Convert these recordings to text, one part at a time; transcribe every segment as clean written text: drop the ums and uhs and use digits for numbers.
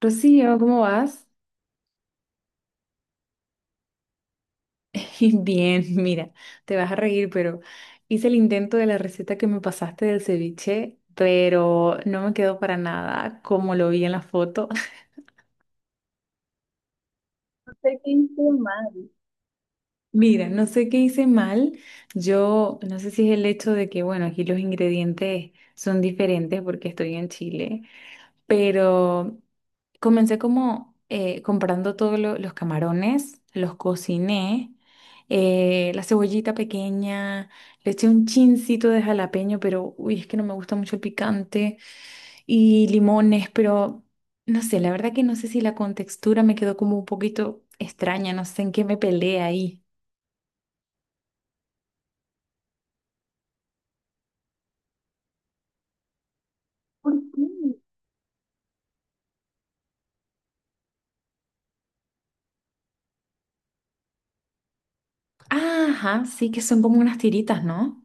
Rocío, ¿cómo vas? Bien, mira, te vas a reír, pero hice el intento de la receta que me pasaste del ceviche, pero no me quedó para nada como lo vi en la foto. Sé que hice mal. Mira, no sé qué hice mal. Yo no sé si es el hecho de que, bueno, aquí los ingredientes son diferentes porque estoy en Chile, pero comencé como comprando todos los camarones, los cociné, la cebollita pequeña, le eché un chincito de jalapeño, pero uy, es que no me gusta mucho el picante, y limones, pero no sé, la verdad que no sé si la contextura me quedó como un poquito extraña, no sé en qué me peleé ahí. ¿Por qué? Ajá, sí, que son como unas tiritas, ¿no?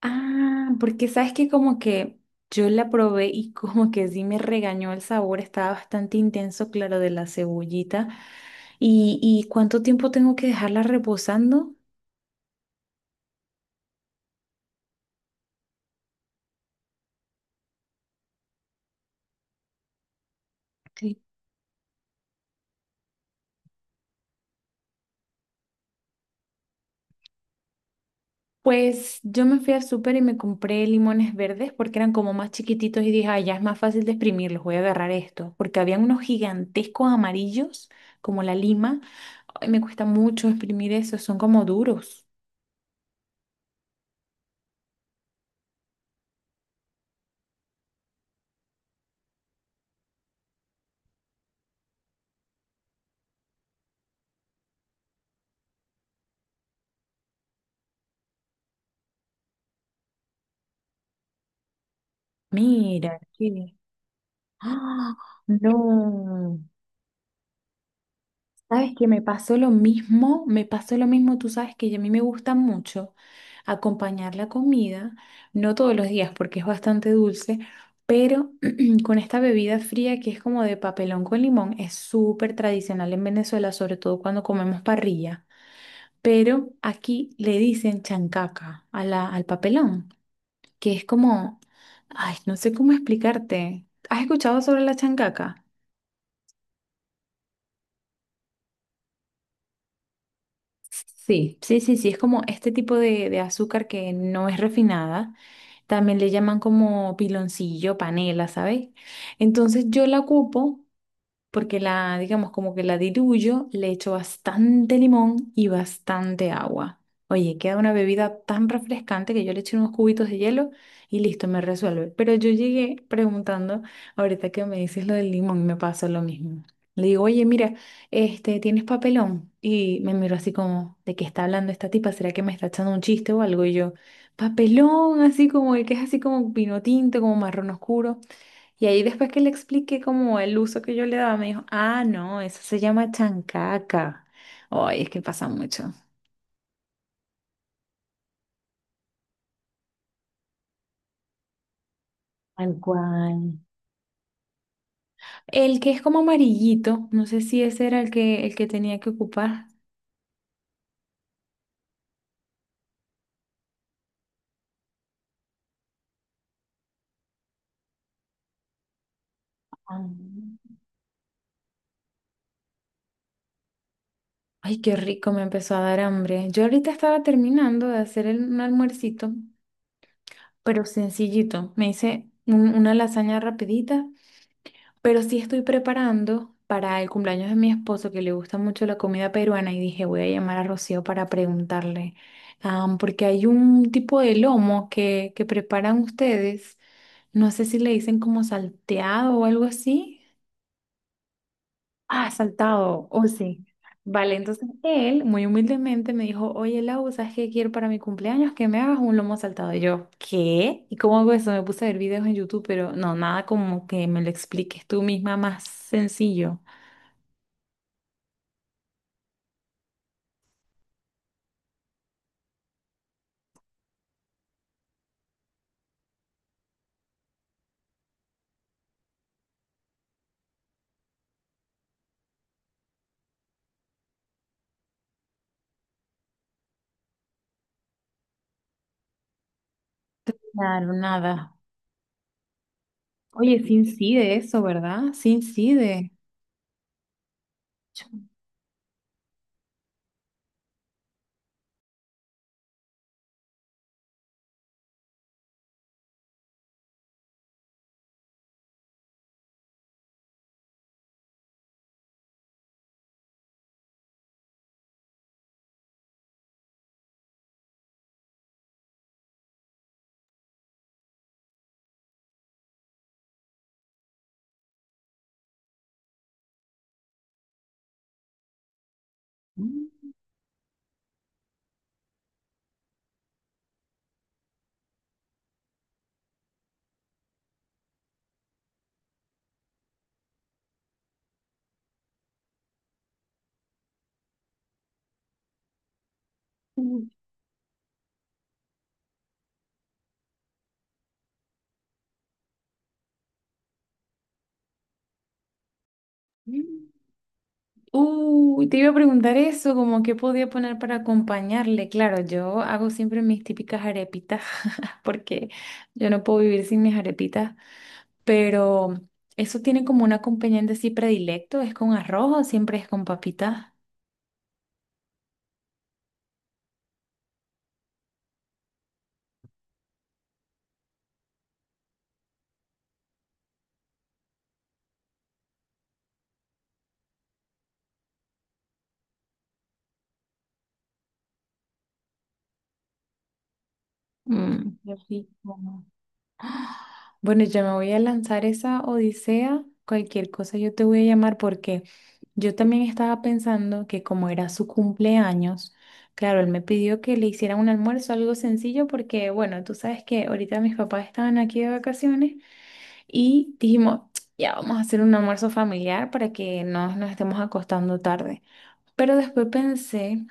Ah, porque sabes que como que yo la probé y como que sí me regañó el sabor, estaba bastante intenso, claro, de la cebollita. ¿Y, cuánto tiempo tengo que dejarla reposando? Sí. Pues yo me fui al súper y me compré limones verdes porque eran como más chiquititos y dije, ah, ya es más fácil de exprimirlos, voy a agarrar esto. Porque habían unos gigantescos amarillos, como la lima. Ay, me cuesta mucho exprimir esos, son como duros. Mira, qué... ¡Ah! No. Sabes que me pasó lo mismo, me pasó lo mismo, tú sabes que a mí me gusta mucho acompañar la comida, no todos los días porque es bastante dulce, pero con esta bebida fría que es como de papelón con limón, es súper tradicional en Venezuela, sobre todo cuando comemos parrilla, pero aquí le dicen chancaca a al papelón, que es como, ay, no sé cómo explicarte. ¿Has escuchado sobre la chancaca? Sí, sí, sí, sí, es como este tipo de azúcar que no es refinada, también le llaman como piloncillo, panela, ¿sabes? Entonces yo la ocupo porque la, digamos, como que la diluyo, le echo bastante limón y bastante agua. Oye, queda una bebida tan refrescante que yo le eché unos cubitos de hielo y listo, me resuelve. Pero yo llegué preguntando, ahorita que me dices lo del limón, me pasó lo mismo. Le digo, oye, mira, este, ¿tienes papelón? Y me miró así como, ¿de qué está hablando esta tipa? ¿Será que me está echando un chiste o algo? Y yo, papelón, así como el que es así como vino tinto, como marrón oscuro. Y ahí después que le expliqué como el uso que yo le daba, me dijo, ah, no, eso se llama chancaca. Ay, es que pasa mucho. Tal cual. El que es como amarillito, no sé si ese era el que tenía que ocupar. Ah, ay, qué rico, me empezó a dar hambre. Yo ahorita estaba terminando de hacer un almuercito, pero sencillito. Me hice una lasaña rapidita. Pero sí estoy preparando para el cumpleaños de mi esposo, que le gusta mucho la comida peruana, y dije, voy a llamar a Rocío para preguntarle, ah, porque hay un tipo de lomo que preparan ustedes, no sé si le dicen como salteado o algo así. Ah, saltado, o sí. Vale, entonces él muy humildemente me dijo, oye Lau, ¿sabes qué quiero para mi cumpleaños? Que me hagas un lomo saltado. Y yo, ¿qué? ¿Y cómo hago eso? Me puse a ver videos en YouTube, pero no, nada como que me lo expliques tú misma más sencillo. Claro, nada. Oye, sí incide eso, ¿verdad? Sí incide. Uy, te iba a preguntar eso, como qué podía poner para acompañarle. Claro, yo hago siempre mis típicas arepitas, porque yo no puedo vivir sin mis arepitas, pero eso tiene como un acompañante así predilecto, es con arroz o siempre es con papitas. Mm, qué rico. Bueno, ya me voy a lanzar esa odisea. Cualquier cosa yo te voy a llamar porque yo también estaba pensando que como era su cumpleaños, claro, él me pidió que le hiciera un almuerzo, algo sencillo, porque bueno, tú sabes que ahorita mis papás estaban aquí de vacaciones y dijimos, ya vamos a hacer un almuerzo familiar para que no nos estemos acostando tarde. Pero después pensé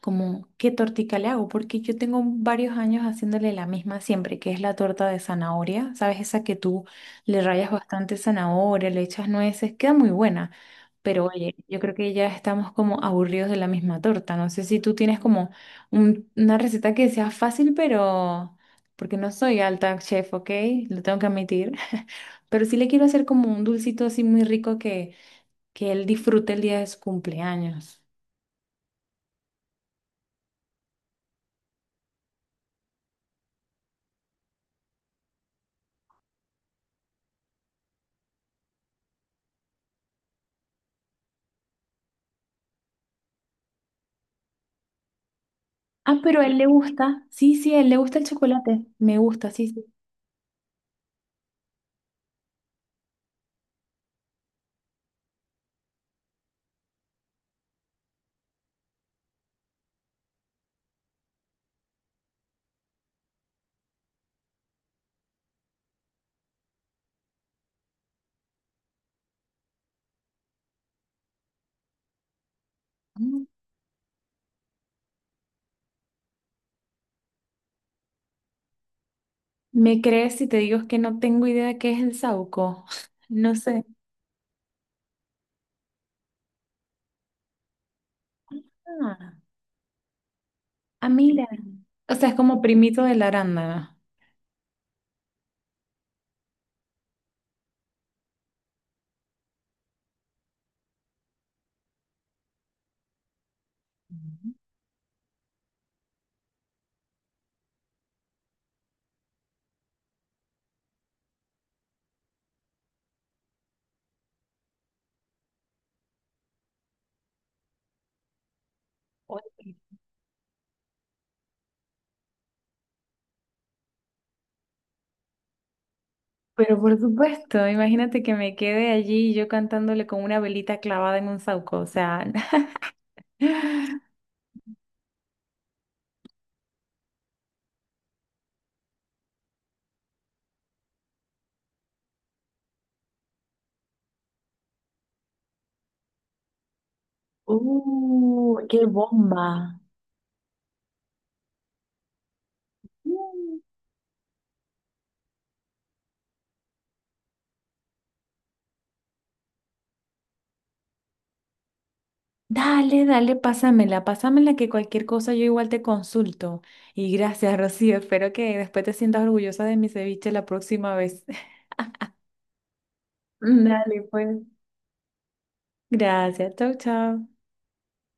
como qué tortica le hago, porque yo tengo varios años haciéndole la misma siempre, que es la torta de zanahoria, ¿sabes? Esa que tú le rayas bastante zanahoria, le echas nueces, queda muy buena, pero oye, yo creo que ya estamos como aburridos de la misma torta, no sé si tú tienes como una receta que sea fácil, pero... Porque no soy alta chef, ¿ok? Lo tengo que admitir. Pero sí le quiero hacer como un dulcito así muy rico que él disfrute el día de su cumpleaños. Ah, pero a él le gusta. Sí, sí, a él le gusta el chocolate. Me gusta, sí, sí. Mm. ¿Me crees si te digo que no tengo idea de qué es el saúco? No sé. Ah, ah, mira. O sea, es como primito de la arándana. Ujú. Oye, pero por supuesto, imagínate que me quede allí yo cantándole con una velita clavada en un saúco. O sea, ¡uh, qué bomba! Dale, dale, pásamela, pásamela que cualquier cosa yo igual te consulto. Y gracias, Rocío. Espero que después te sientas orgullosa de mi ceviche la próxima vez. Dale, pues. Gracias, chau, chau.